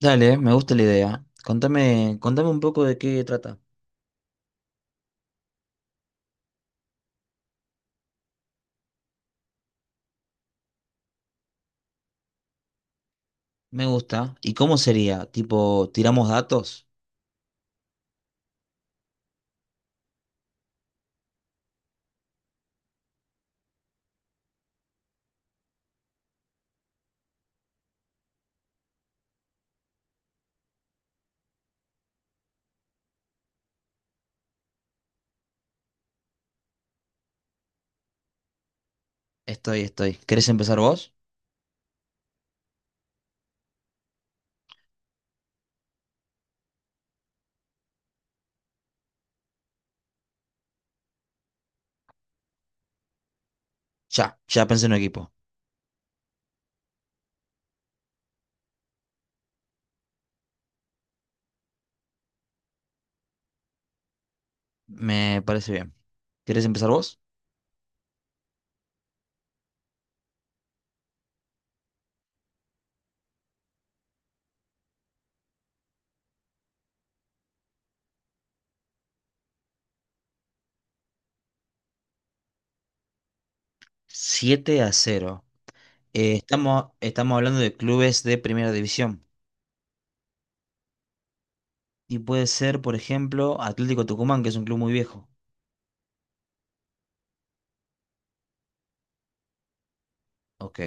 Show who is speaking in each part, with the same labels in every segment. Speaker 1: Dale, me gusta la idea. Contame un poco de qué trata. Me gusta. ¿Y cómo sería? Tipo, ¿tiramos datos? Estoy, estoy. ¿Querés empezar vos? Ya, ya pensé en un equipo. Me parece bien. ¿Querés empezar vos? 7-0. Estamos hablando de clubes de primera división. Y puede ser, por ejemplo, Atlético Tucumán, que es un club muy viejo. Ok.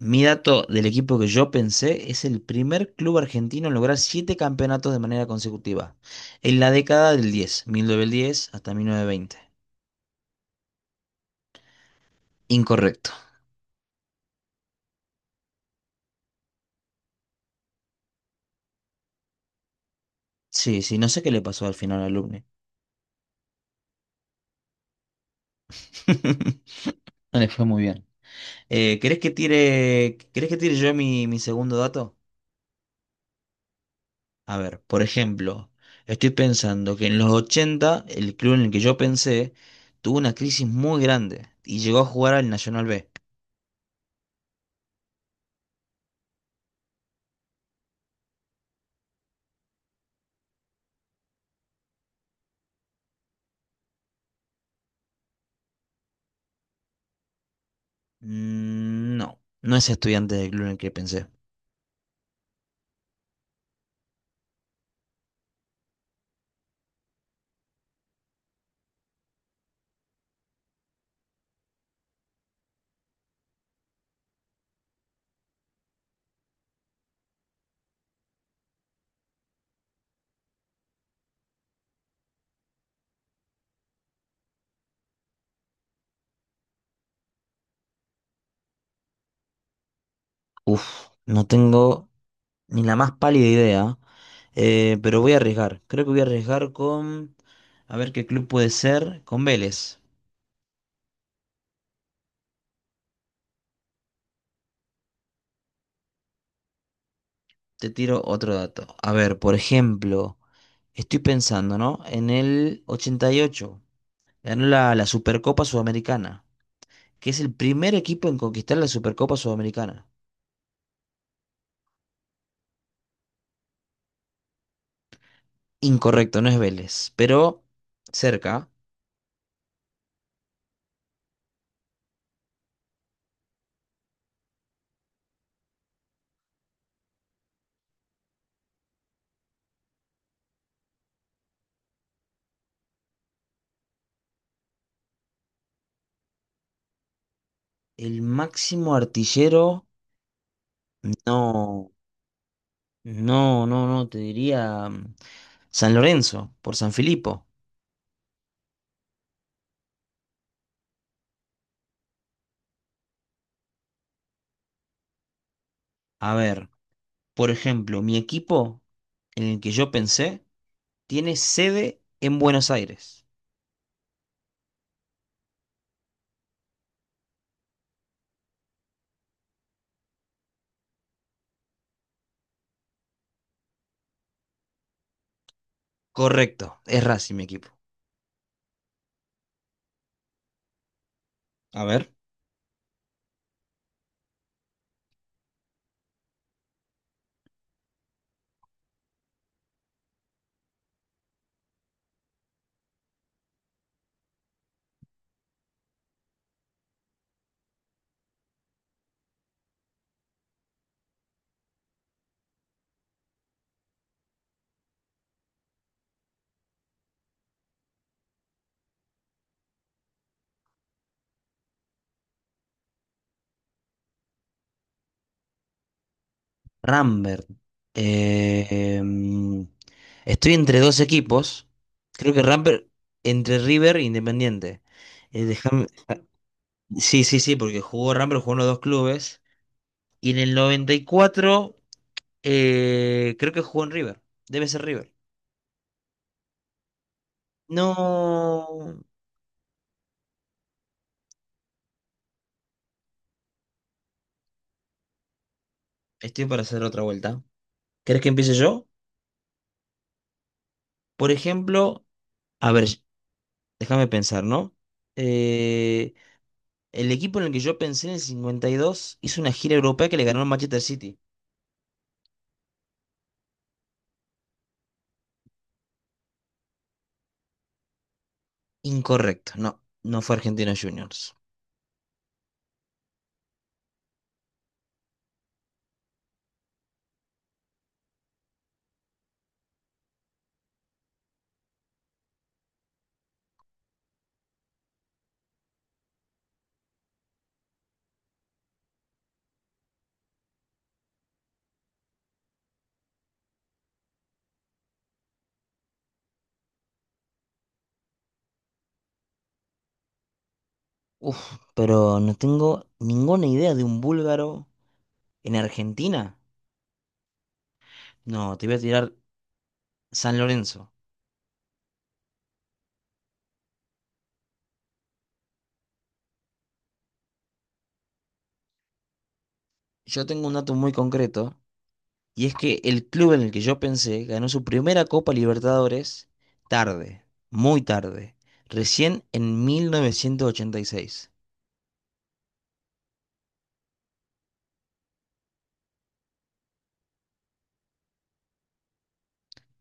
Speaker 1: Mi dato del equipo que yo pensé es el primer club argentino en lograr siete campeonatos de manera consecutiva, en la década del diez, 1910 hasta 1920. Incorrecto. Sí, sí, no sé qué le pasó al final al Alumni. No le fue muy bien. ¿Querés que tire yo mi segundo dato? A ver, por ejemplo, estoy pensando que en los 80 el club en el que yo pensé tuvo una crisis muy grande y llegó a jugar al Nacional B. Mm, no, no es estudiante del club en el que pensé. Uf, no tengo ni la más pálida idea, pero voy a arriesgar. Creo que voy a arriesgar con, a ver qué club puede ser. Con Vélez. Te tiro otro dato. A ver, por ejemplo, estoy pensando, ¿no? En el 88 ganó la Supercopa Sudamericana, que es el primer equipo en conquistar la Supercopa Sudamericana. Incorrecto, no es Vélez, pero cerca. El máximo artillero. No, no, no, no, te diría San Lorenzo, por San Filipo. A ver, por ejemplo, mi equipo en el que yo pensé tiene sede en Buenos Aires. Correcto, es Racing mi equipo. A ver, Rambert. eh, mm, estoy entre dos equipos. Creo que Rambert entre River e Independiente. Eh, déjame- Sí, sí, sí, porque jugó Rambert, jugó en los dos clubes. Y en el 94, creo que jugó en River. Debe ser River. No. Estoy para hacer otra vuelta. ¿Querés que empiece yo? Por ejemplo, a ver, déjame pensar, ¿no? Eh, el equipo en el que yo pensé en el 52 hizo una gira europea que le ganó al Manchester City. Incorrecto, no, no fue Argentinos Juniors. Uf, pero no tengo ninguna idea de un búlgaro en Argentina. No, te voy a tirar San Lorenzo. Yo tengo un dato muy concreto. Y es que el club en el que yo pensé ganó su primera Copa Libertadores tarde, muy tarde, recién en 1986.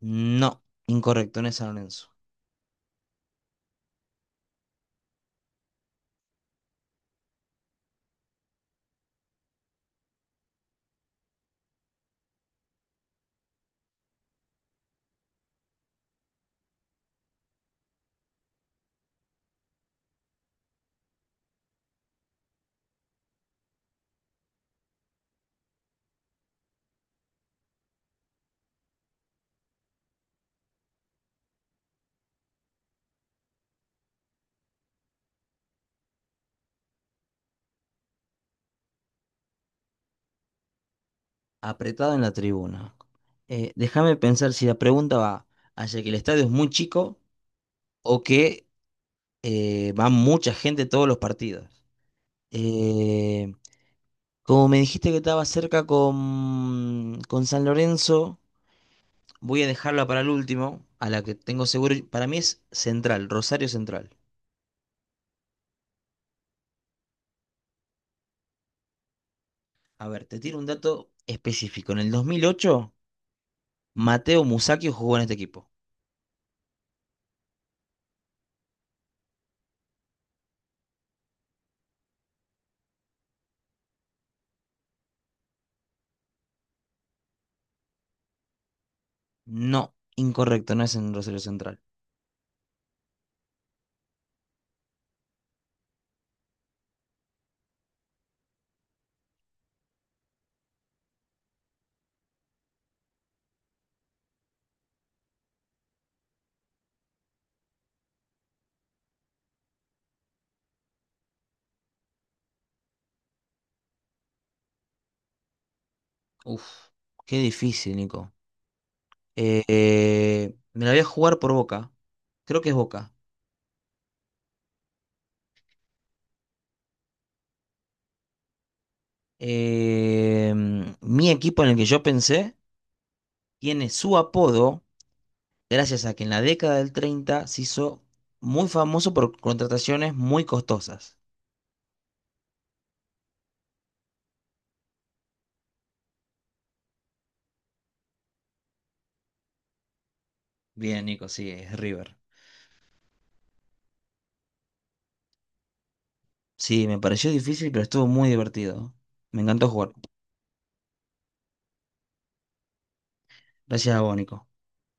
Speaker 1: No, incorrecto, no es San Lorenzo. Apretado en la tribuna. Déjame pensar si la pregunta va hacia que el estadio es muy chico o que va mucha gente todos los partidos. Eh, como me dijiste que estaba cerca con, San Lorenzo. Voy a dejarla para el último, a la que tengo seguro. Para mí es Central, Rosario Central. A ver, te tiro un dato específico. En el 2008, Mateo Musacchio jugó en este equipo. No, incorrecto, no es en Rosario Central. Uf, qué difícil, Nico. Me la voy a jugar por Boca. Creo que es Boca. Eh, mi equipo en el que yo pensé tiene su apodo gracias a que en la década del 30 se hizo muy famoso por contrataciones muy costosas. Bien, Nico, sí, es River. Sí, me pareció difícil, pero estuvo muy divertido. Me encantó jugar. Gracias a vos, Nico.